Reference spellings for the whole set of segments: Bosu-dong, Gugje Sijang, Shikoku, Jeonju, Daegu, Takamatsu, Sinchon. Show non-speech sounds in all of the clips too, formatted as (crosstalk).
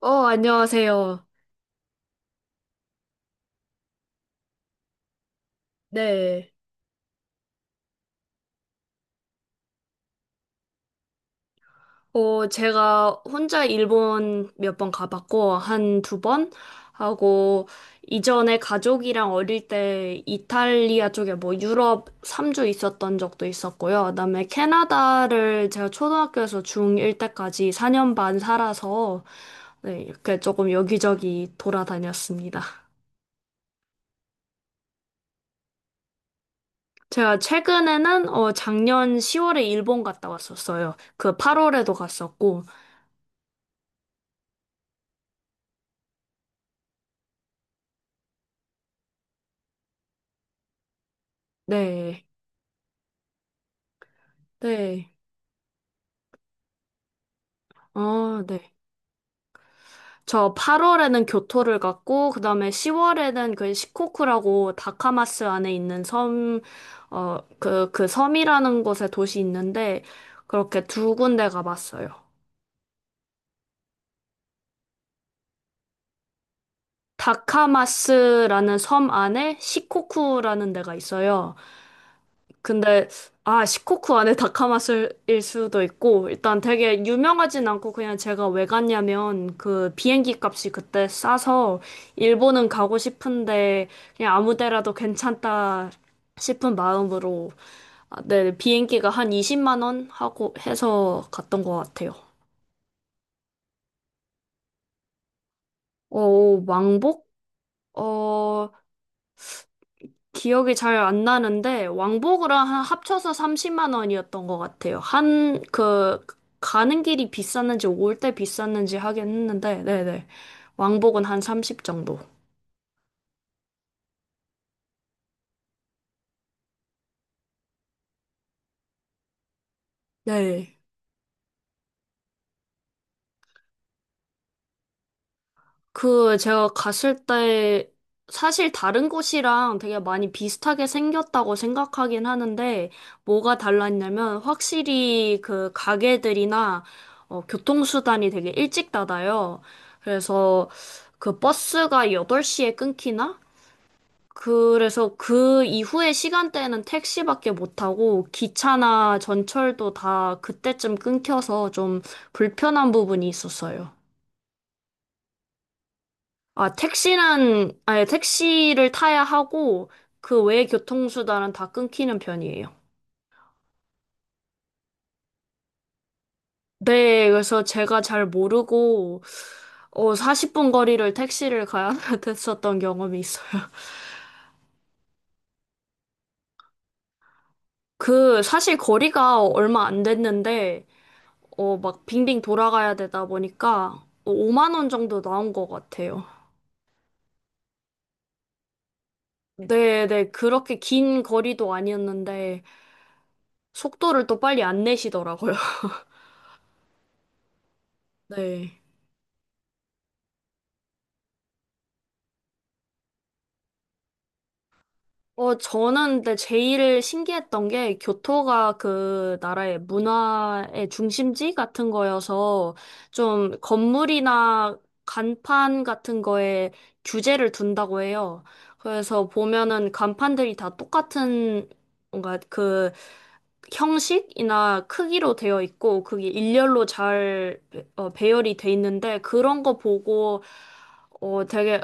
안녕하세요. 네. 제가 혼자 일본 몇 번 가봤고, 한 두 번 하고, 이전에 가족이랑 어릴 때 이탈리아 쪽에 뭐 유럽 3주 있었던 적도 있었고요. 그다음에 캐나다를 제가 초등학교에서 중1 때까지 4년 반 살아서, 네, 이렇게 조금 여기저기 돌아다녔습니다. 제가 최근에는, 작년 10월에 일본 갔다 왔었어요. 그 8월에도 갔었고, 네. 네. 아, 네. 저 8월에는 교토를 갔고, 그 다음에 10월에는 그 시코쿠라고 다카마스 안에 있는 섬, 그 섬이라는 곳에 도시 있는데, 그렇게 두 군데 가봤어요. 다카마스라는 섬 안에 시코쿠라는 데가 있어요. 근데 아 시코쿠 안에 다카마슬일 수도 있고 일단 되게 유명하진 않고 그냥 제가 왜 갔냐면 그 비행기 값이 그때 싸서 일본은 가고 싶은데 그냥 아무 데라도 괜찮다 싶은 마음으로 아, 네 비행기가 한 20만 원 하고 해서 갔던 것 같아요. 어 왕복? 어 기억이 잘 안 나는데 왕복으로 한 합쳐서 30만 원이었던 것 같아요. 한 그 가는 길이 비쌌는지 올 때 비쌌는지 하긴 했는데 네네 왕복은 한 30 정도. 네. 그 제가 갔을 때 사실 다른 곳이랑 되게 많이 비슷하게 생겼다고 생각하긴 하는데 뭐가 달랐냐면 확실히 그 가게들이나 교통수단이 되게 일찍 닫아요. 그래서 그 버스가 8시에 끊기나? 그래서 그 이후의 시간대에는 택시밖에 못 타고 기차나 전철도 다 그때쯤 끊겨서 좀 불편한 부분이 있었어요. 아, 택시는, 아니, 택시를 타야 하고, 그 외의 교통수단은 다 끊기는 편이에요. 네, 그래서 제가 잘 모르고, 40분 거리를 택시를 가야 (laughs) 됐었던 경험이 있어요. 그, 사실 거리가 얼마 안 됐는데, 막 빙빙 돌아가야 되다 보니까, 5만 원 정도 나온 것 같아요. 네, 네, 그렇게 긴 거리도 아니었는데, 속도를 또 빨리 안 내시더라고요. (laughs) 네. 저는 근데 제일 신기했던 게 교토가 그 나라의 문화의 중심지 같은 거여서 좀 건물이나 간판 같은 거에 규제를 둔다고 해요. 그래서 보면은 간판들이 다 똑같은 뭔가 그 형식이나 크기로 되어 있고 그게 일렬로 잘 배열이 돼 있는데 그런 거 보고 되게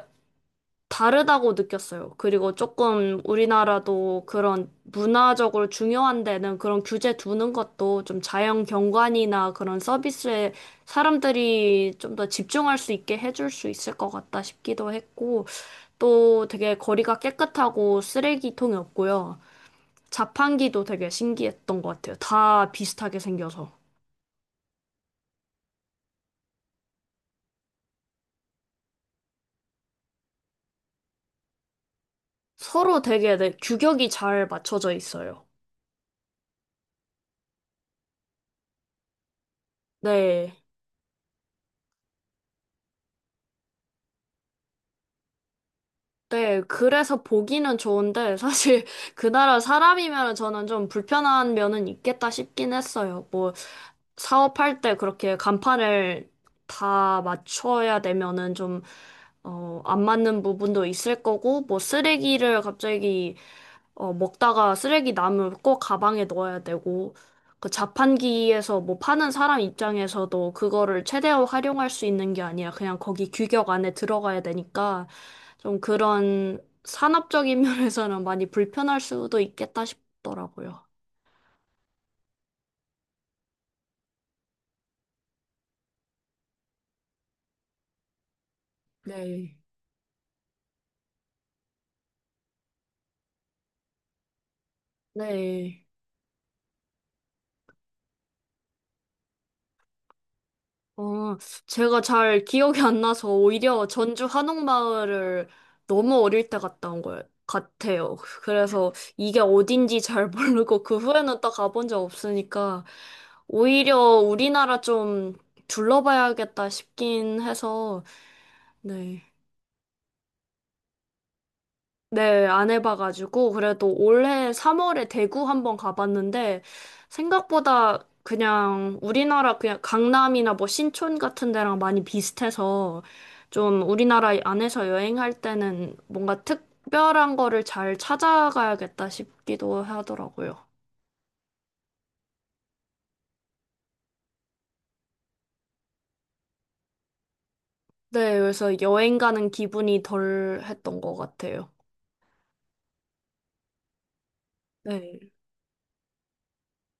다르다고 느꼈어요. 그리고 조금 우리나라도 그런 문화적으로 중요한 데는 그런 규제 두는 것도 좀 자연 경관이나 그런 서비스에 사람들이 좀 더 집중할 수 있게 해줄 수 있을 것 같다 싶기도 했고, 또 되게 거리가 깨끗하고 쓰레기통이 없고요. 자판기도 되게 신기했던 것 같아요. 다 비슷하게 생겨서. 서로 되게 네, 규격이 잘 맞춰져 있어요. 네. 네, 그래서 보기는 좋은데, 사실 (laughs) 그 나라 사람이면 저는 좀 불편한 면은 있겠다 싶긴 했어요. 뭐, 사업할 때 그렇게 간판을 다 맞춰야 되면은 좀, 안 맞는 부분도 있을 거고, 뭐, 쓰레기를 갑자기, 먹다가 쓰레기 남을 꼭 가방에 넣어야 되고, 그 자판기에서 뭐 파는 사람 입장에서도 그거를 최대한 활용할 수 있는 게 아니라 그냥 거기 규격 안에 들어가야 되니까, 좀 그런 산업적인 (laughs) 면에서는 많이 불편할 수도 있겠다 싶더라고요. 네. 네. 어, 제가 잘 기억이 안 나서 오히려 전주 한옥마을을 너무 어릴 때 갔다 온 것 같아요. 그래서 이게 어딘지 잘 모르고 그 후에는 또 가본 적 없으니까 오히려 우리나라 좀 둘러봐야겠다 싶긴 해서 네. 네, 안 해봐가지고, 그래도 올해 3월에 대구 한번 가봤는데, 생각보다 그냥 우리나라 그냥 강남이나 뭐 신촌 같은 데랑 많이 비슷해서, 좀 우리나라 안에서 여행할 때는 뭔가 특별한 거를 잘 찾아가야겠다 싶기도 하더라고요. 네, 그래서 여행 가는 기분이 덜 했던 것 같아요. 네.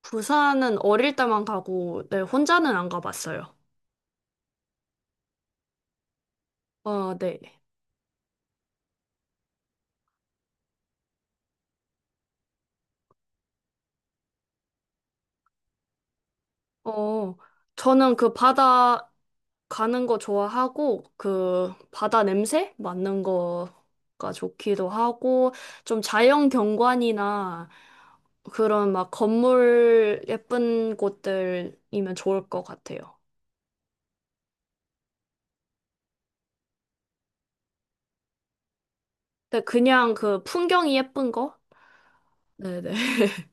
부산은 어릴 때만 가고, 네, 혼자는 안 가봤어요. 어, 네. 어, 저는 그 바다 가는 거 좋아하고, 그 바다 냄새 맡는 거가 좋기도 하고, 좀 자연 경관이나 그런 막 건물 예쁜 곳들이면 좋을 것 같아요. 근데 그냥 그 풍경이 예쁜 거? 네네. (laughs)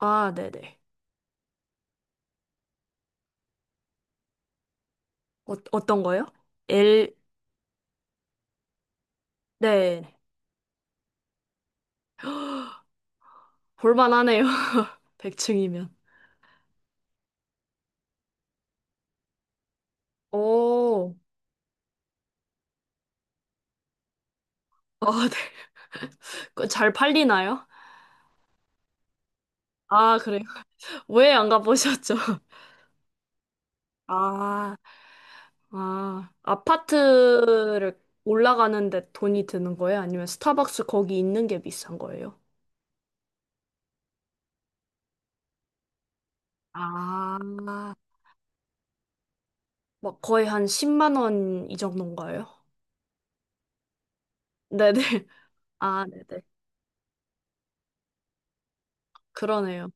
아, 네네. 어, 어떤 거요? 엘, 네. 볼만하네요. (laughs) 백층이면 오, 아, 네. (laughs) 그거 잘 팔리나요? 아, 그래요? 왜 안 가보셨죠? (laughs) 아, 아, 아파트를 올라가는데 돈이 드는 거예요? 아니면 스타벅스 거기 있는 게 비싼 거예요? 아, 막 거의 한 10만 원 이 정도인가요? 네네. 아, 네네. 그러네요.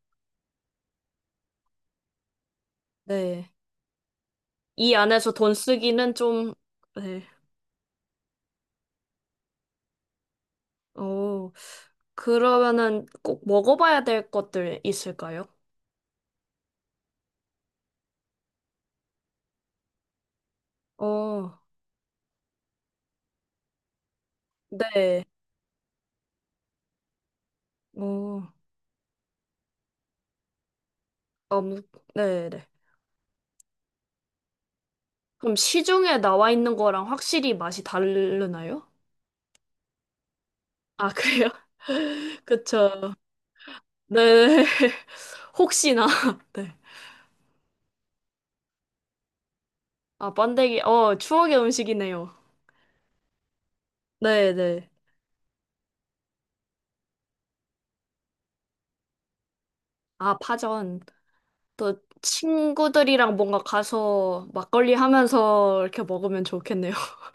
네. 이 안에서 돈 쓰기는 좀, 네. 오, 그러면은 꼭 먹어봐야 될 것들 있을까요? 어, 네. 어, 아무, 네네. 그럼 시중에 나와 있는 거랑 확실히 맛이 다르나요? 아, 그래요? (laughs) 그쵸. 네. (laughs) 혹시나. (laughs) 네. 아, 번데기. 어, 추억의 음식이네요. 네네. 아, 파전. 또 친구들이랑 뭔가 가서 막걸리 하면서 이렇게 먹으면 좋겠네요. (laughs)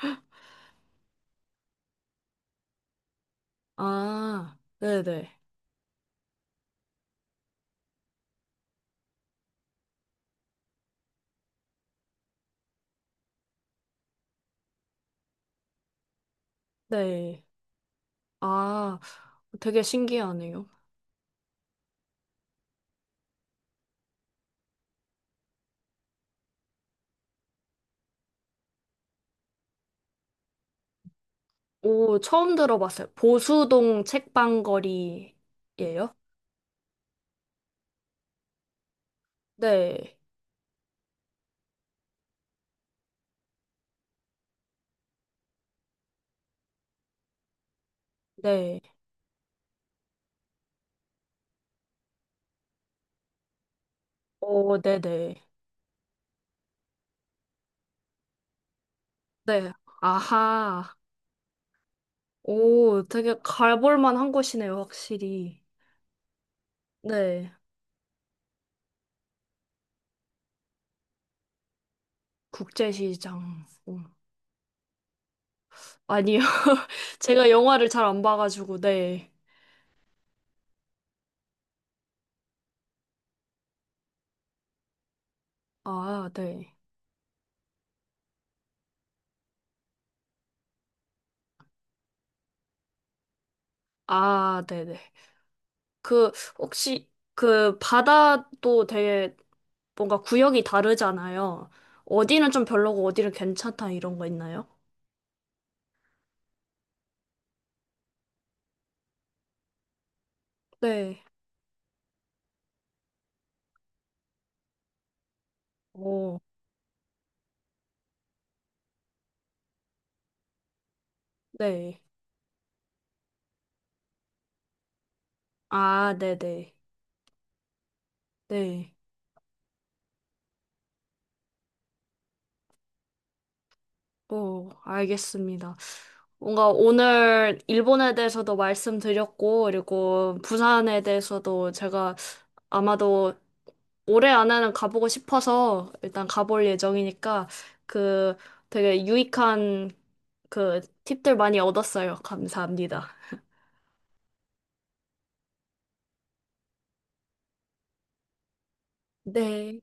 아, 네네. 네. 네. 아, 되게 신기하네요. 오, 처음 들어봤어요. 보수동 책방거리예요? 네. 네. 오, 네네. 네. 아하. 오, 되게 가볼 만한 곳이네요, 확실히. 네. 국제시장. 음. 아니요. (laughs) 제가 영화를 잘 안 봐가지고, 네. 아, 네. 아, 네네. 그, 혹시, 바다도 되게 뭔가 구역이 다르잖아요. 어디는 좀 별로고, 어디는 괜찮다, 이런 거 있나요? 네. 오, 네. 아, 네네. 네. 오, 알겠습니다. 뭔가 오늘 일본에 대해서도 말씀드렸고, 그리고 부산에 대해서도 제가 아마도 올해 안에는 가보고 싶어서 일단 가볼 예정이니까 그 되게 유익한 그 팁들 많이 얻었어요. 감사합니다. 네.